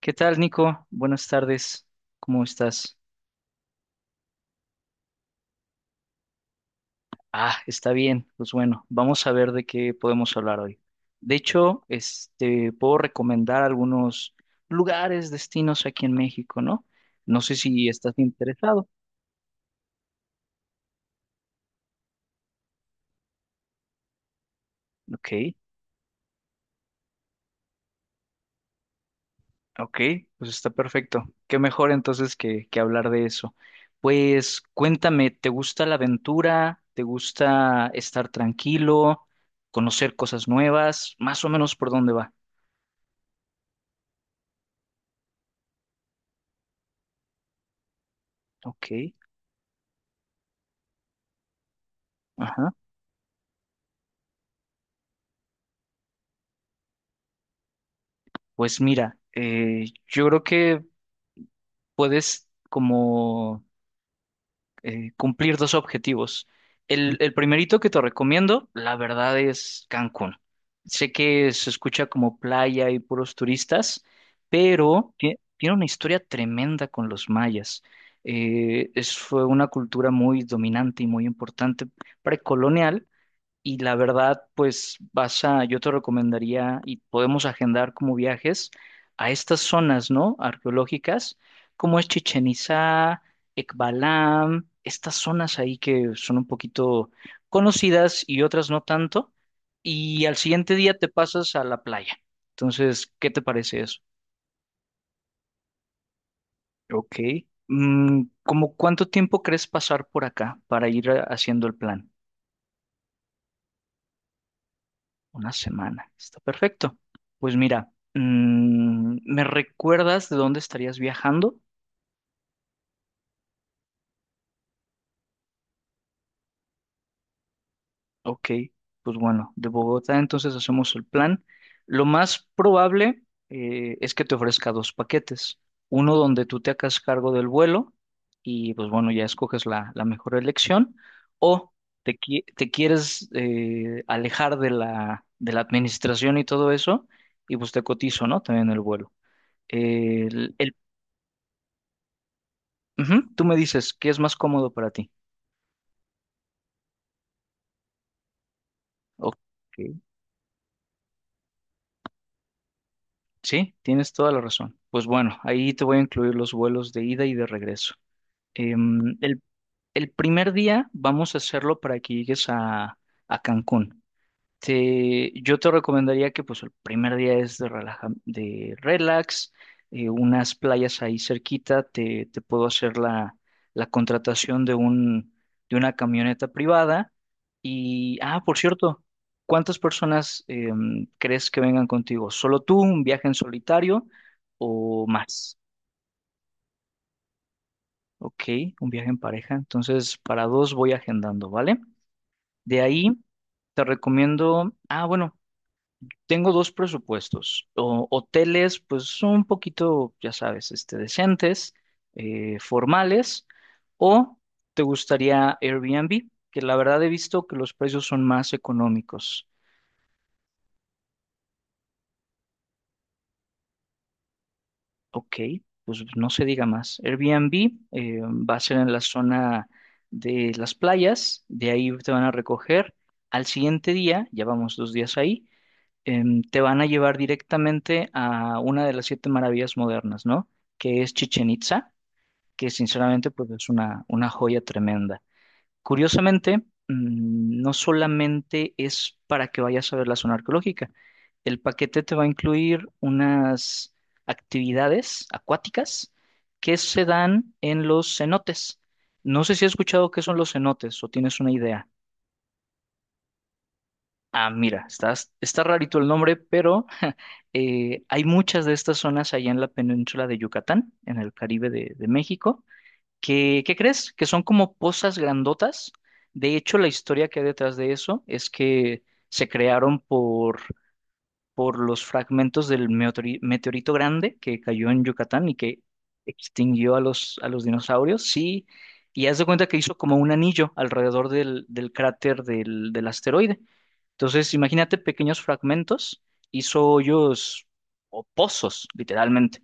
¿Qué tal, Nico? Buenas tardes. ¿Cómo estás? Ah, está bien. Pues bueno, vamos a ver de qué podemos hablar hoy. De hecho, este, puedo recomendar algunos lugares, destinos aquí en México, ¿no? No sé si estás interesado. Ok, ok, pues está perfecto. Qué mejor entonces que hablar de eso. Pues cuéntame, ¿te gusta la aventura? ¿Te gusta estar tranquilo? ¿Conocer cosas nuevas? Más o menos por dónde va. Ok. Ajá. Pues mira, yo creo que puedes como cumplir dos objetivos. El primerito que te recomiendo, la verdad, es Cancún. Sé que se escucha como playa y puros turistas, pero tiene una historia tremenda con los mayas. Fue una cultura muy dominante y muy importante precolonial y la verdad, pues yo te recomendaría y podemos agendar como viajes a estas zonas, ¿no? Arqueológicas, como es Chichen Itzá, Ekbalam, estas zonas ahí que son un poquito conocidas y otras no tanto. Y al siguiente día te pasas a la playa. Entonces, ¿qué te parece eso? Ok. ¿Cómo cuánto tiempo crees pasar por acá para ir haciendo el plan? Una semana. Está perfecto. Pues mira, ¿me recuerdas de dónde estarías viajando? Ok, pues bueno, de Bogotá entonces hacemos el plan. Lo más probable es que te ofrezca dos paquetes. Uno donde tú te hagas cargo del vuelo y pues bueno, ya escoges la, mejor elección. O te quieres alejar de la administración y todo eso y pues te cotizo, ¿no? También el vuelo. El Ujú, tú me dices qué es más cómodo para ti. Ok, sí, tienes toda la razón. Pues bueno, ahí te voy a incluir los vuelos de ida y de regreso. Em, el, el, primer día vamos a hacerlo para que llegues a Cancún. Yo te recomendaría que pues el primer día es de relax, unas playas ahí cerquita, te, puedo hacer la contratación de una camioneta privada. Y, ah, por cierto, ¿cuántas personas crees que vengan contigo? ¿Solo tú, un viaje en solitario o más? Ok, un viaje en pareja. Entonces, para dos voy agendando, ¿vale? De ahí te recomiendo, ah, bueno. Tengo dos presupuestos. Hoteles, pues son un poquito, ya sabes, este, decentes, formales, o te gustaría Airbnb, que la verdad he visto que los precios son más económicos. Ok, pues no se diga más. Airbnb va a ser en la zona de las playas, de ahí te van a recoger. Al siguiente día, ya vamos 2 días ahí, te van a llevar directamente a una de las siete maravillas modernas, ¿no? Que es Chichen Itza, que sinceramente pues es una, joya tremenda. Curiosamente, no solamente es para que vayas a ver la zona arqueológica, el paquete te va a incluir unas actividades acuáticas que se dan en los cenotes. No sé si has escuchado qué son los cenotes o tienes una idea. Ah, mira, está rarito el nombre, pero hay muchas de estas zonas allá en la península de Yucatán, en el Caribe de, México, que, ¿qué crees? Que son como pozas grandotas. De hecho, la historia que hay detrás de eso es que se crearon por los fragmentos del meteorito grande que cayó en Yucatán y que extinguió a los dinosaurios, sí, y haz de cuenta que hizo como un anillo alrededor del, del, cráter del asteroide. Entonces, imagínate pequeños fragmentos, hizo hoyos o pozos, literalmente.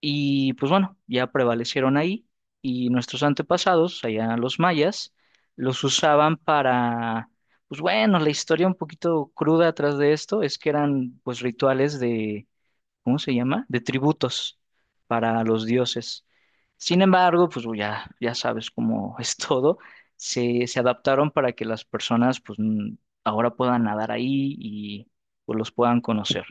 Y pues bueno, ya prevalecieron ahí y nuestros antepasados, allá los mayas, los usaban para, pues bueno, la historia un poquito cruda atrás de esto es que eran pues rituales de, ¿cómo se llama? De tributos para los dioses. Sin embargo, pues ya, ya sabes cómo es todo, se adaptaron para que las personas pues ahora puedan nadar ahí y pues los puedan conocer.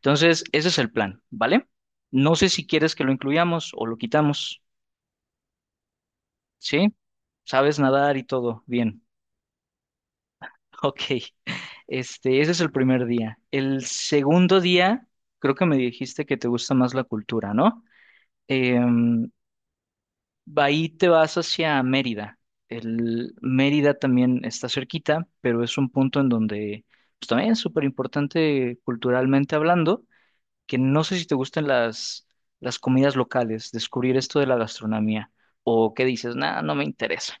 Entonces, ese es el plan, ¿vale? No sé si quieres que lo incluyamos o lo quitamos, ¿sí? Sabes nadar y todo, bien. Ok, este, ese es el primer día. El segundo día, creo que me dijiste que te gusta más la cultura, ¿no? Em, Ahí te vas hacia Mérida. El Mérida también está cerquita, pero es un punto en donde pues, también es súper importante culturalmente hablando. Que no sé si te gustan las, comidas locales, descubrir esto de la gastronomía, o qué dices, nada, no me interesa.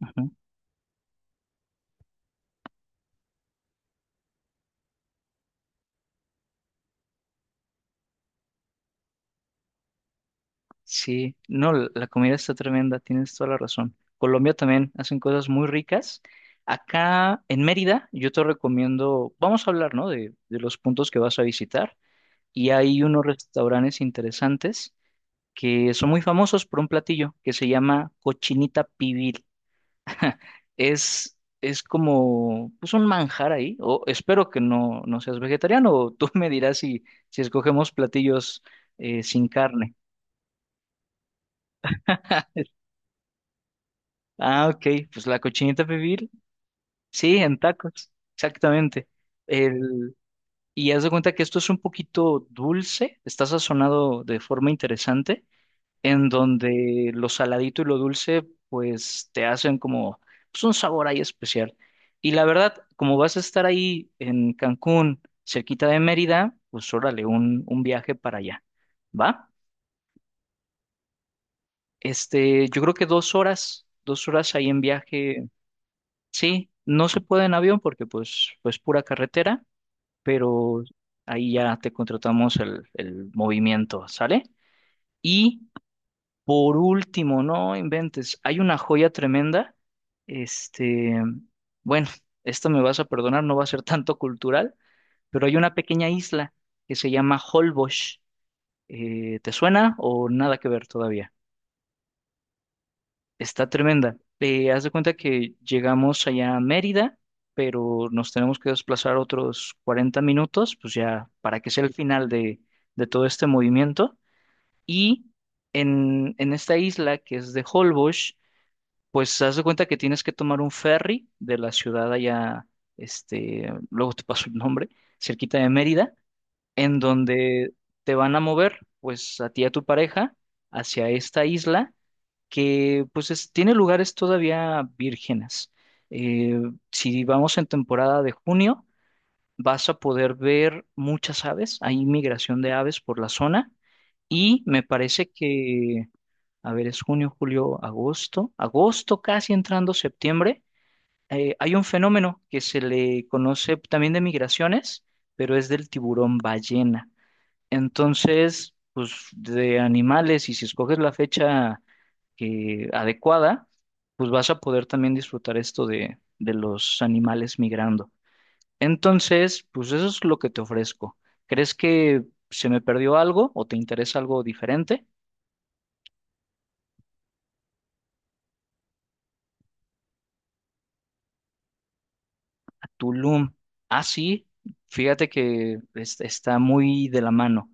Ujú. Sí, no, la comida está tremenda, tienes toda la razón. Colombia también hacen cosas muy ricas. Acá en Mérida, yo te recomiendo, vamos a hablar, ¿no? de los puntos que vas a visitar. Y hay unos restaurantes interesantes que son muy famosos por un platillo que se llama cochinita pibil. Es como pues un manjar ahí. O espero que no, no seas vegetariano, o tú me dirás si, si escogemos platillos sin carne. Ah, ok, pues la cochinita pibil, sí, en tacos, exactamente. El, y haz de cuenta que esto es un poquito dulce, está sazonado de forma interesante. En donde lo saladito y lo dulce pues te hacen como pues, un sabor ahí especial. Y la verdad, como vas a estar ahí en Cancún, cerquita de Mérida, pues órale, un, viaje para allá, ¿va? Este, yo creo que 2 horas, 2 horas ahí en viaje, sí, no se puede en avión porque pues, pura carretera, pero ahí ya te contratamos el movimiento, ¿sale? Y por último, no inventes, hay una joya tremenda. Este, bueno, esto me vas a perdonar, no va a ser tanto cultural, pero hay una pequeña isla que se llama Holbox. ¿Te suena o nada que ver todavía? Está tremenda. Haz de cuenta que llegamos allá a Mérida, pero nos tenemos que desplazar otros 40 minutos, pues ya para que sea el final de, todo este movimiento. Y en esta isla que es de Holbox, pues haz de cuenta que tienes que tomar un ferry de la ciudad allá, este, luego te paso el nombre, cerquita de Mérida, en donde te van a mover, pues a ti y a tu pareja, hacia esta isla que, pues, tiene lugares todavía vírgenes. Eh, si vamos en temporada de junio, vas a poder ver muchas aves, hay migración de aves por la zona y me parece que a ver, es junio, julio, agosto, agosto, casi entrando septiembre, hay un fenómeno que se le conoce también de migraciones, pero es del tiburón ballena. Entonces, pues de animales, y si escoges la fecha adecuada, pues vas a poder también disfrutar esto de los animales migrando. Entonces, pues eso es lo que te ofrezco. ¿Crees que se me perdió algo o te interesa algo diferente? Tulum. Ah, sí, fíjate que está muy de la mano.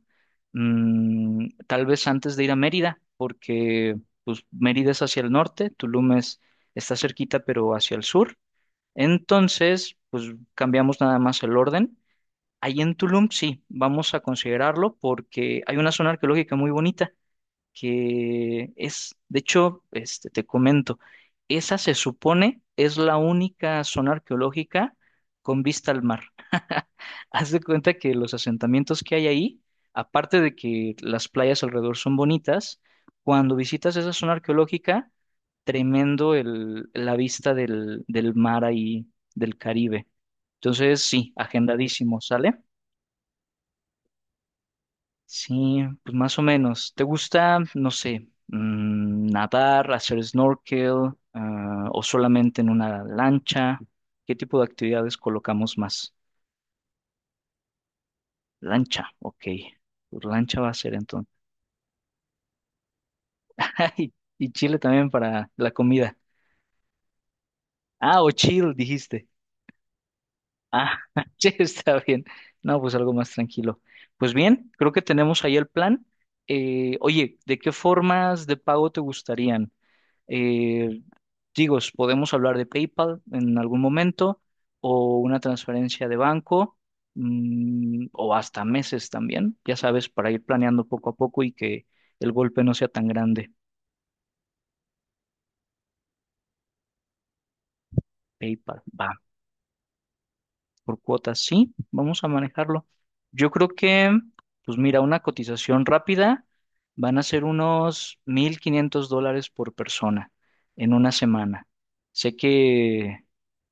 Tal vez antes de ir a Mérida, porque pues, Mérida es hacia el norte, Tulum está cerquita, pero hacia el sur. Entonces, pues cambiamos nada más el orden. Ahí en Tulum, sí, vamos a considerarlo porque hay una zona arqueológica muy bonita que es, de hecho, este, te comento, esa se supone es la única zona arqueológica con vista al mar. Haz de cuenta que los asentamientos que hay ahí, aparte de que las playas alrededor son bonitas, cuando visitas esa zona arqueológica, tremendo la vista del, mar ahí, del Caribe. Entonces, sí, agendadísimo, ¿sale? Sí, pues más o menos. ¿Te gusta, no sé, nadar, hacer snorkel, ah, o solamente en una lancha? ¿Qué tipo de actividades colocamos más? Lancha, ok. Pues lancha va a ser entonces. y chile también para la comida. Ah, o chill, dijiste. Ah, che, está bien. No, pues algo más tranquilo. Pues bien, creo que tenemos ahí el plan. Oye, ¿de qué formas de pago te gustarían? Eh, Digo, podemos hablar de PayPal en algún momento o una transferencia de banco o hasta meses también, ya sabes, para ir planeando poco a poco y que el golpe no sea tan grande. PayPal va por cuotas, sí, vamos a manejarlo. Yo creo que, pues mira, una cotización rápida van a ser unos $1,500 por persona en una semana. Sé que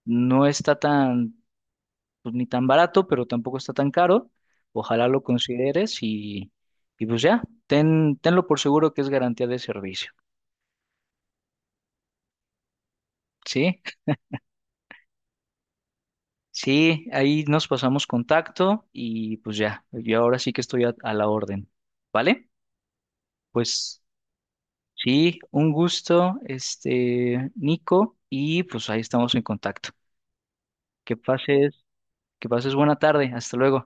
no está tan pues ni tan barato, pero tampoco está tan caro. Ojalá lo consideres y, pues ya, tenlo por seguro que es garantía de servicio. Sí, sí, ahí nos pasamos contacto y pues ya, yo ahora sí que estoy a, la orden, ¿vale? Pues sí, un gusto, este, Nico, y pues ahí estamos en contacto. Que pases, que pases buena tarde, hasta luego.